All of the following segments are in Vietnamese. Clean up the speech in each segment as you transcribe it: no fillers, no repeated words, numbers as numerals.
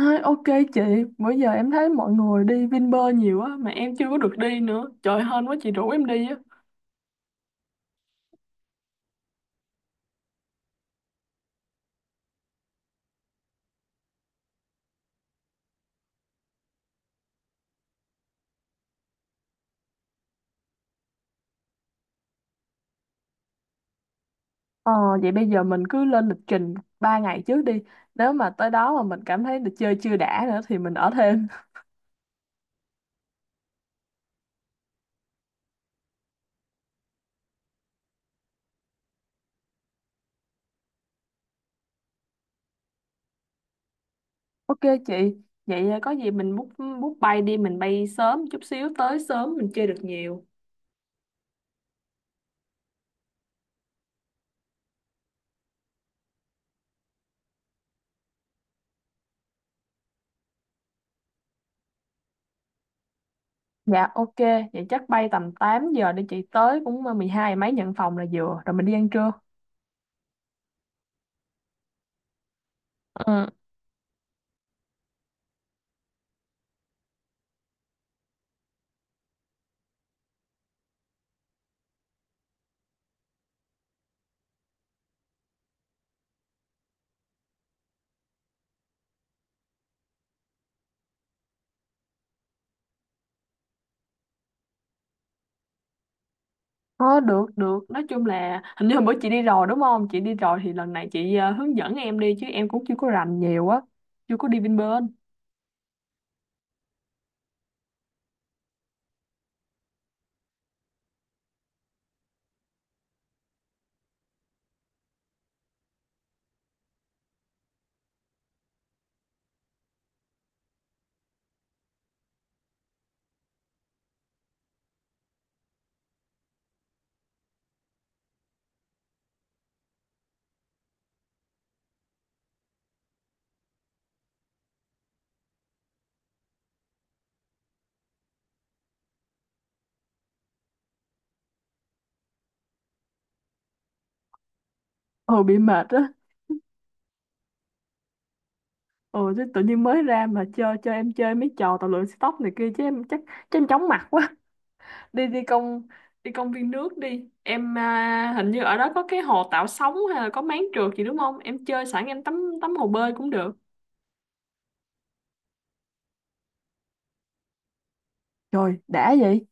Ok chị, bữa giờ em thấy mọi người đi Vinpearl nhiều á mà em chưa có được đi nữa. Trời hên quá chị rủ em đi á. Ờ vậy bây giờ mình cứ lên lịch trình 3 ngày trước đi. Nếu mà tới đó mà mình cảm thấy được chơi chưa đã nữa thì mình ở thêm. Ok chị, vậy có gì mình book book bay đi, mình bay sớm chút xíu tới sớm mình chơi được nhiều. Dạ ok, vậy chắc bay tầm 8 giờ đi chị tới cũng 12 mấy nhận phòng là vừa, rồi mình đi ăn trưa. Ừ. Có được được nói chung là hình như hôm bữa chị đi rồi đúng không, chị đi rồi thì lần này chị hướng dẫn em đi chứ em cũng chưa có rành nhiều á, chưa có đi Vinpearl. Ừ bị mệt á. Ừ chứ tự nhiên mới ra mà chơi chơi em chơi mấy trò tàu lượn stop này kia chứ em chắc, chứ em chóng mặt quá. đi đi công viên nước đi em, à hình như ở đó có cái hồ tạo sóng hay là có máng trượt gì đúng không? Em chơi sẵn em tắm tắm hồ bơi cũng được. Trời đã vậy.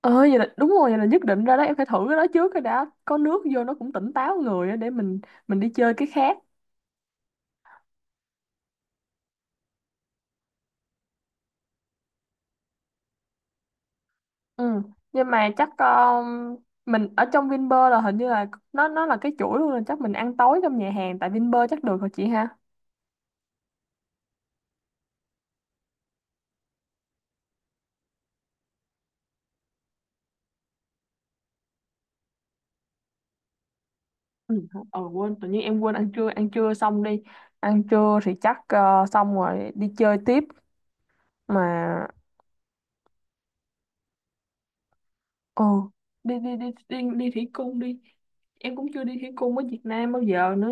Ờ vậy là đúng rồi, vậy là nhất định ra đó em phải thử cái đó trước cái đã, có nước vô nó cũng tỉnh táo người á, để mình đi chơi cái khác. Ừ nhưng mà chắc mình ở trong Vinpearl là hình như là nó là cái chuỗi luôn rồi, chắc mình ăn tối trong nhà hàng tại Vinpearl chắc được rồi chị ha. Ừ. Quên, tự nhiên em quên. Ăn trưa xong đi, ăn trưa thì chắc xong rồi đi chơi tiếp mà. Ừ đi đi đi đi đi thủy cung đi, em cũng chưa đi thủy cung ở Việt Nam bao giờ nữa.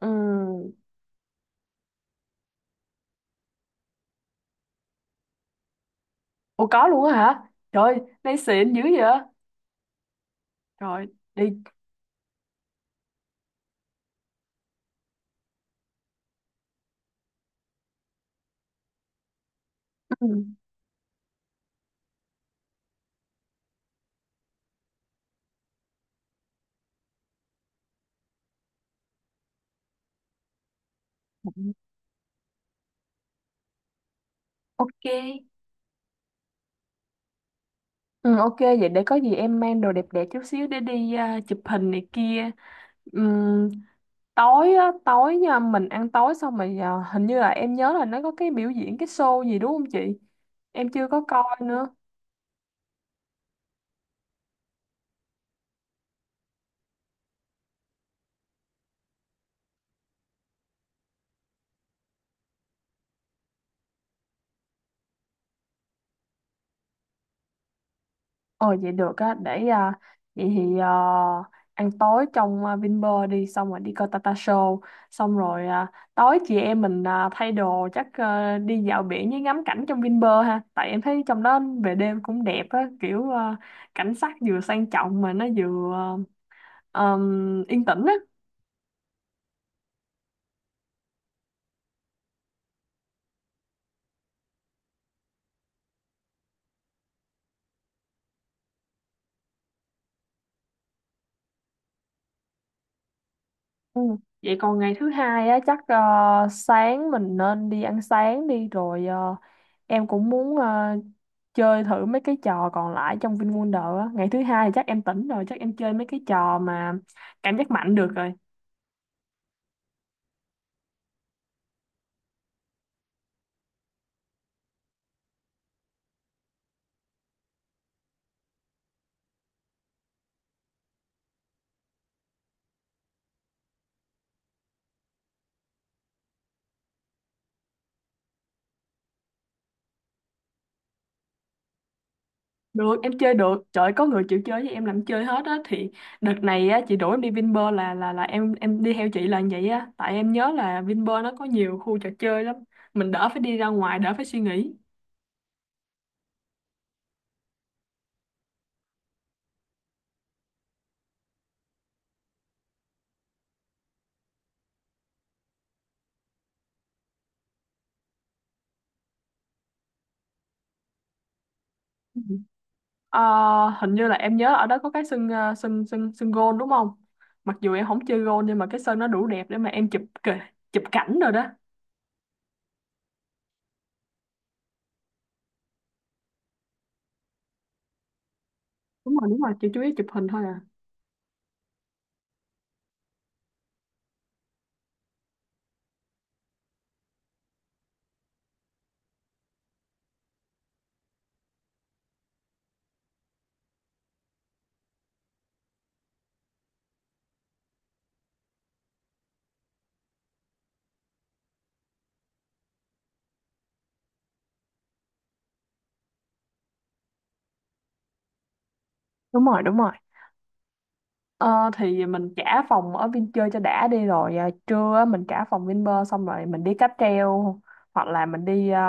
Ừ. Ủa có luôn á hả? Trời, nay xịn dữ vậy? Rồi, đi. Ừ. Ok. Ừ, ok, vậy để có gì em mang đồ đẹp đẹp chút xíu để đi, chụp hình này kia. Ừm, tối á, tối nha, mình ăn tối xong rồi hình như là em nhớ là nó có cái biểu diễn, cái show gì đúng không chị? Em chưa có coi nữa. Ồ vậy được á, để vậy thì à, ăn tối trong Vinpearl đi, xong rồi đi coi Tata Show, xong rồi tối chị em mình thay đồ, chắc đi dạo biển với ngắm cảnh trong Vinpearl ha, tại em thấy trong đó về đêm cũng đẹp á, kiểu cảnh sắc vừa sang trọng mà nó vừa yên tĩnh á. Ừ. Vậy còn ngày thứ hai á chắc sáng mình nên đi ăn sáng đi, rồi em cũng muốn chơi thử mấy cái trò còn lại trong VinWonder á. Ngày thứ hai thì chắc em tỉnh rồi, chắc em chơi mấy cái trò mà cảm giác mạnh được rồi. Được, em chơi được. Trời ơi, có người chịu chơi với em làm chơi hết á thì đợt này á chị đuổi em đi Vinpearl là là em đi theo chị là vậy á, tại em nhớ là Vinpearl nó có nhiều khu trò chơi lắm. Mình đỡ phải đi ra ngoài, đỡ phải suy nghĩ. Ừ. Ờ, hình như là em nhớ ở đó có cái sân ờ, sân sân sân gôn đúng không? Mặc dù em không chơi gôn nhưng mà cái sân nó đủ đẹp để mà em chụp cảnh rồi đó. Đúng rồi đúng rồi, chỉ chú ý chụp hình thôi à. Đúng rồi, đúng rồi. Ờ, thì mình trả phòng ở Vin cho đã đi, rồi trưa á, mình trả phòng Vinpearl xong rồi mình đi cáp treo hoặc là mình đi ờ,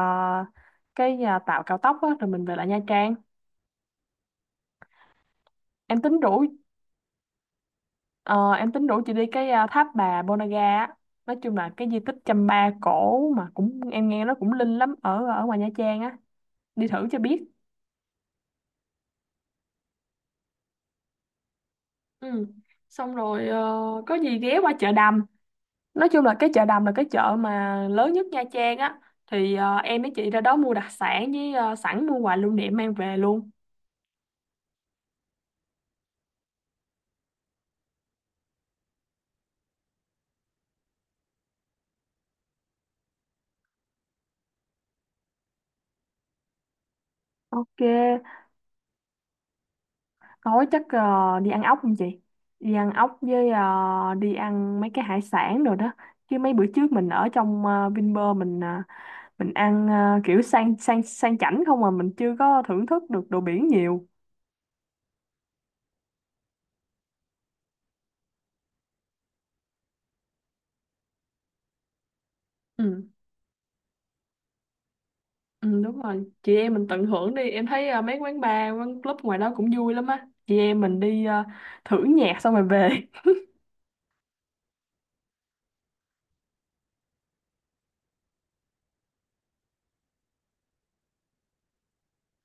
cái à, tàu cao tốc á, rồi mình về lại Nha Trang. Em tính rủ ờ, em tính rủ chị đi cái tháp bà Ponagar á. Nói chung là cái di tích Chăm Ba cổ mà cũng em nghe nó cũng linh lắm ở ở ngoài Nha Trang á. Đi thử cho biết. Ừ xong rồi có gì ghé qua chợ đầm. Nói chung là cái chợ đầm là cái chợ mà lớn nhất Nha Trang á, thì em với chị ra đó mua đặc sản với sẵn mua quà lưu niệm mang về luôn. Ok, tối chắc đi ăn ốc không chị? Đi ăn ốc với đi ăn mấy cái hải sản rồi đó. Chứ mấy bữa trước mình ở trong Vinpearl mình mình ăn kiểu sang sang sang chảnh không, mà mình chưa có thưởng thức được đồ biển nhiều. Ừ. Ừ, đúng rồi chị em mình tận hưởng đi, em thấy mấy quán bar quán club ngoài đó cũng vui lắm á, chị em mình đi thử nhạc xong rồi về.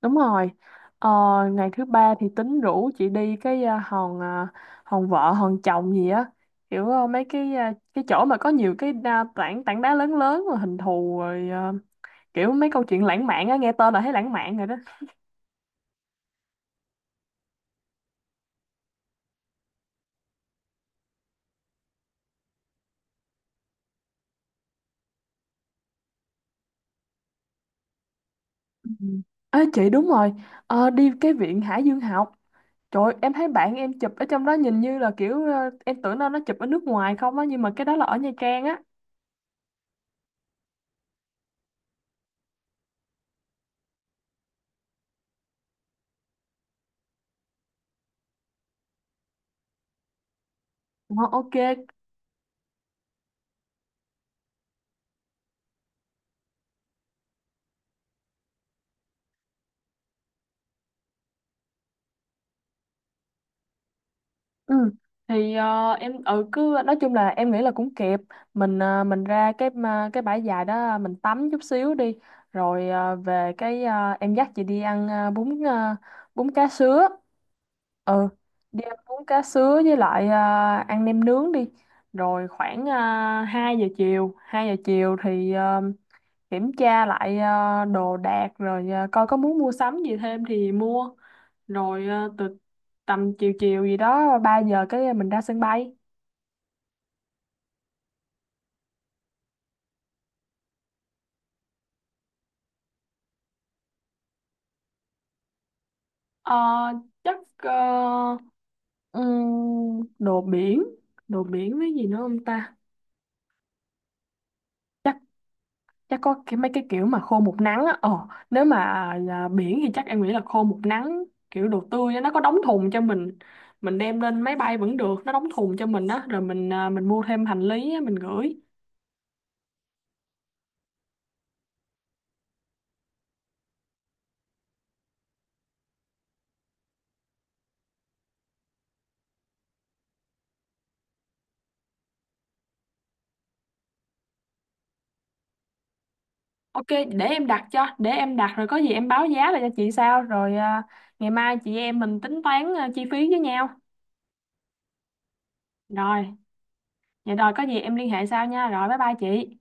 Đúng rồi. Ờ, ngày thứ ba thì tính rủ chị đi cái hòn vợ hòn chồng gì á, kiểu mấy cái cái chỗ mà có nhiều cái tảng tảng đá lớn lớn rồi hình thù rồi kiểu mấy câu chuyện lãng mạn á, nghe tên là thấy lãng mạn rồi đó. Ừ. Ê chị đúng rồi. Ờ, đi cái viện Hải Dương học. Trời ơi, em thấy bạn em chụp ở trong đó nhìn như là kiểu em tưởng đâu nó chụp ở nước ngoài không á, nhưng mà cái đó là ở Nha Trang á. Wow, ok. Ừ. Thì cứ nói chung là em nghĩ là cũng kịp. Mình mình ra cái bãi dài đó mình tắm chút xíu đi, rồi em dắt chị đi ăn bún cá sứa. Ừ đi ăn bún cá sứa với lại ăn nem nướng đi, rồi khoảng 2 giờ chiều 2 giờ chiều thì kiểm tra lại đồ đạc, rồi coi có muốn mua sắm gì thêm thì mua, rồi từ tầm chiều chiều gì đó 3 giờ cái mình ra sân bay. ờ, chắc ờ, đồ biển, đồ biển với gì nữa không ta? Chắc chắc có cái mấy cái kiểu mà khô một nắng á, ờ nếu mà là biển thì chắc em nghĩ là khô một nắng, kiểu đồ tươi á, nó có đóng thùng cho mình đem lên máy bay vẫn được, nó đóng thùng cho mình á, rồi mình mình mua thêm hành lý á, mình gửi. Ok để em đặt cho, để em đặt rồi có gì em báo giá lại cho chị, sao rồi ngày mai chị em mình tính toán chi phí với nhau. Rồi, vậy rồi có gì em liên hệ sau nha. Rồi bye bye chị.